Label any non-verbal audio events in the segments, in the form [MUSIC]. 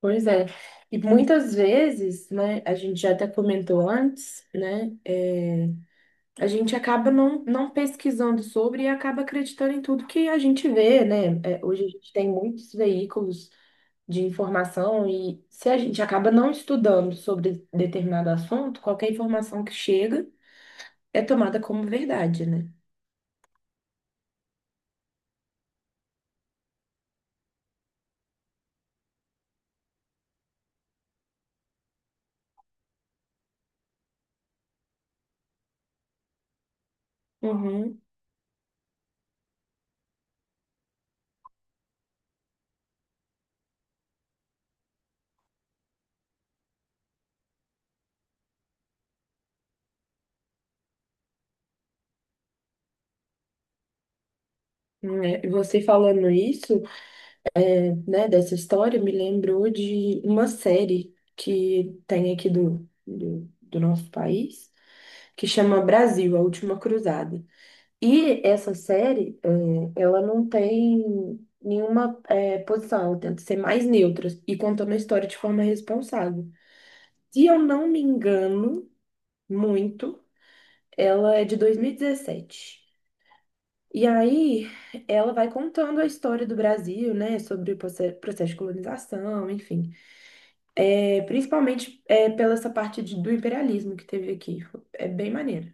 Pois é. E muitas vezes, né, a gente já até comentou antes, né, a gente acaba não pesquisando sobre e acaba acreditando em tudo que a gente vê, né? É, hoje a gente tem muitos veículos de informação e se a gente acaba não estudando sobre determinado assunto, qualquer informação que chega é tomada como verdade, né? Uhum. É, e você falando isso, né, dessa história me lembrou de uma série que tem aqui do nosso país, que chama Brasil, A Última Cruzada. E essa série, ela não tem nenhuma, posição, ela tenta ser mais neutra e contando a história de forma responsável. Se eu não me engano muito, ela é de 2017. E dezessete. E aí, ela vai contando a história do Brasil, né, sobre o processo de colonização, enfim. É, principalmente é, pela essa parte do imperialismo que teve aqui. É bem maneiro.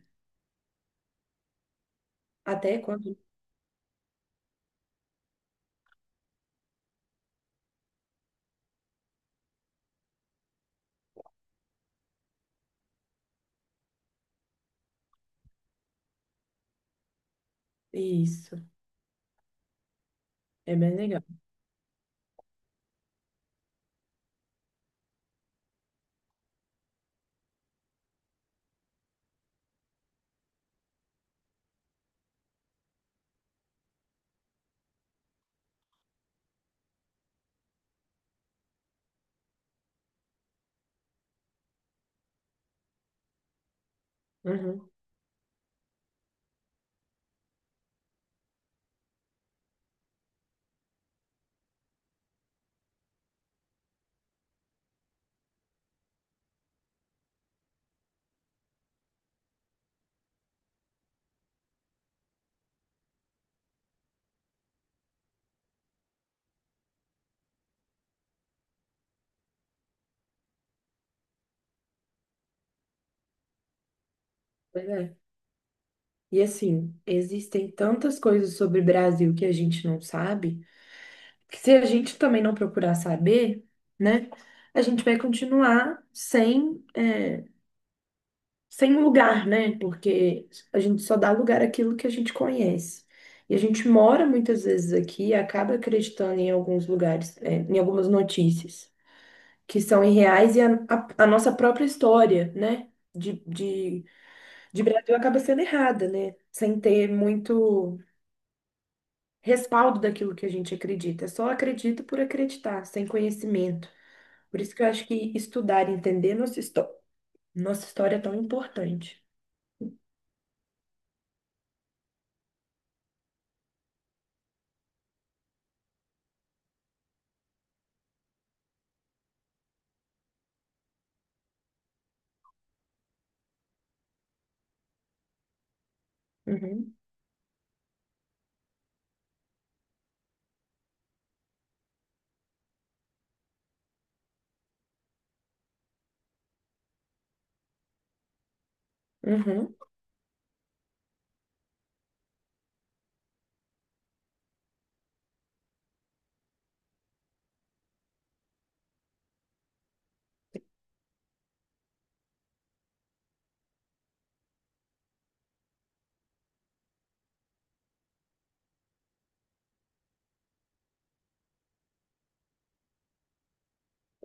Até quando. Isso, é bem legal. Uhum, pois é. E assim, existem tantas coisas sobre o Brasil que a gente não sabe, que se a gente também não procurar saber, né, a gente vai continuar sem, sem lugar, né? Porque a gente só dá lugar àquilo que a gente conhece. E a gente mora muitas vezes aqui e acaba acreditando em alguns lugares, em algumas notícias que são irreais e a nossa própria história, né? De, de, de Brasil acaba sendo errada, né? Sem ter muito respaldo daquilo que a gente acredita. É só acredito por acreditar, sem conhecimento. Por isso que eu acho que estudar e entender nossa história é tão importante. Uhum, uhum,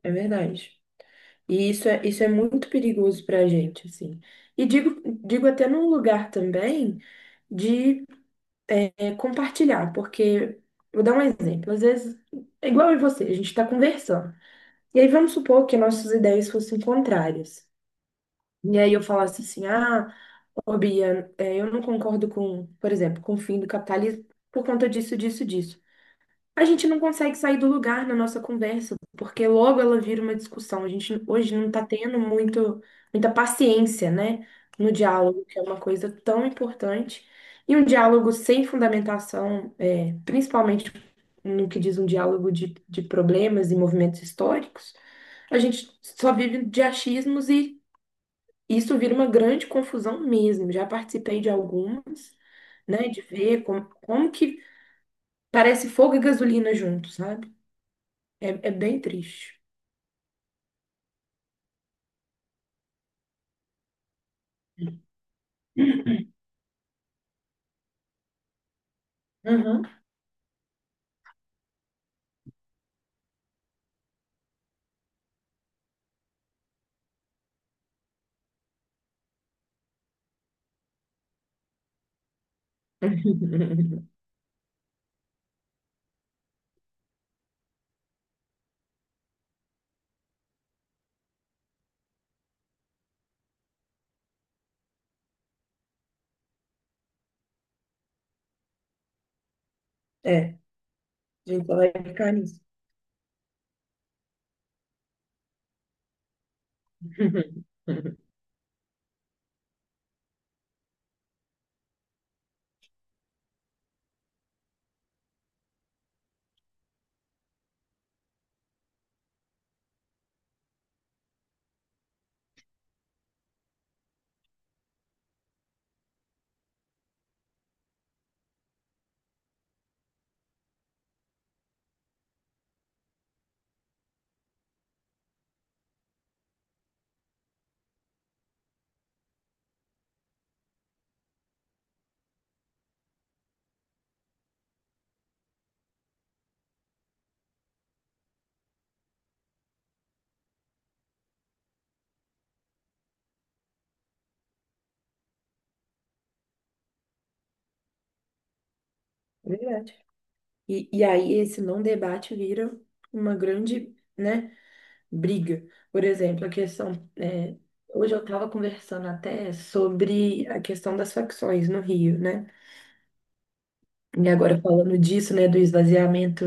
é verdade. E isso é muito perigoso para a gente, assim. E digo até num lugar também de compartilhar, porque vou dar um exemplo. Às vezes, é igual eu e você, a gente está conversando. E aí vamos supor que nossas ideias fossem contrárias. E aí eu falasse assim, ah, ô Bia, eu não concordo com, por exemplo, com o fim do capitalismo por conta disso, disso, disso. A gente não consegue sair do lugar na nossa conversa, porque logo ela vira uma discussão. A gente hoje não está tendo muito, muita paciência, né, no diálogo, que é uma coisa tão importante. E um diálogo sem fundamentação, principalmente no que diz um diálogo de problemas e movimentos históricos, a gente só vive de achismos e isso vira uma grande confusão mesmo. Já participei de algumas, né, de ver como que parece fogo e gasolina juntos, sabe? É bem triste. Uhum. [LAUGHS] É, a gente só vai ficar nisso. [LAUGHS] Verdade. E aí esse não debate vira uma grande, né, briga. Por exemplo, hoje eu estava conversando até sobre a questão das facções no Rio, né? E agora falando disso, né, do esvaziamento,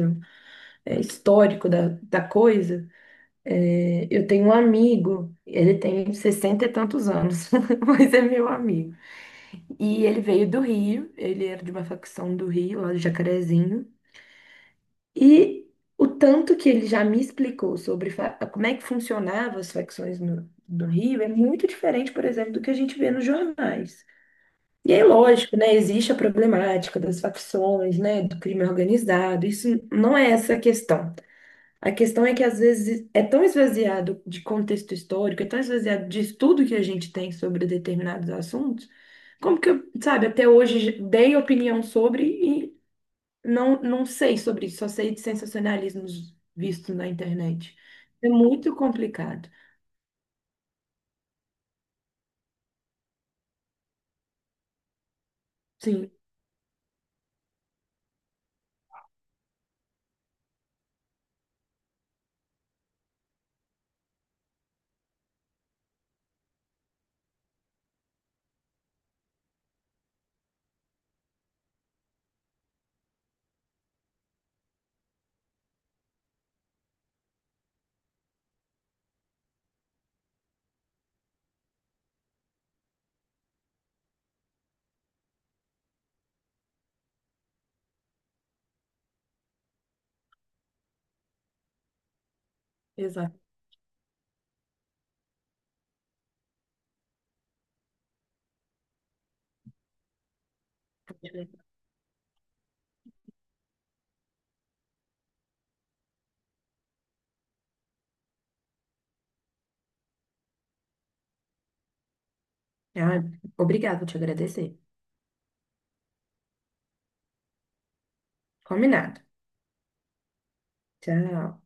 é, histórico da coisa. É, eu tenho um amigo, ele tem 60 e tantos anos, [LAUGHS] mas é meu amigo. E ele veio do Rio, ele era de uma facção do Rio, lá do Jacarezinho. E o tanto que ele já me explicou sobre como é que funcionavam as facções no, do Rio é muito diferente, por exemplo, do que a gente vê nos jornais. E é lógico, né? Existe a problemática das facções, né? Do crime organizado. Isso não é essa a questão. A questão é que às vezes é tão esvaziado de contexto histórico, é tão esvaziado de estudo que a gente tem sobre determinados assuntos, como que eu, sabe, até hoje dei opinião sobre e não sei sobre isso, só sei de sensacionalismos vistos na internet. É muito complicado. Sim, exatamente. Ah, obrigada, vou te agradecer. Combinado. Tchau.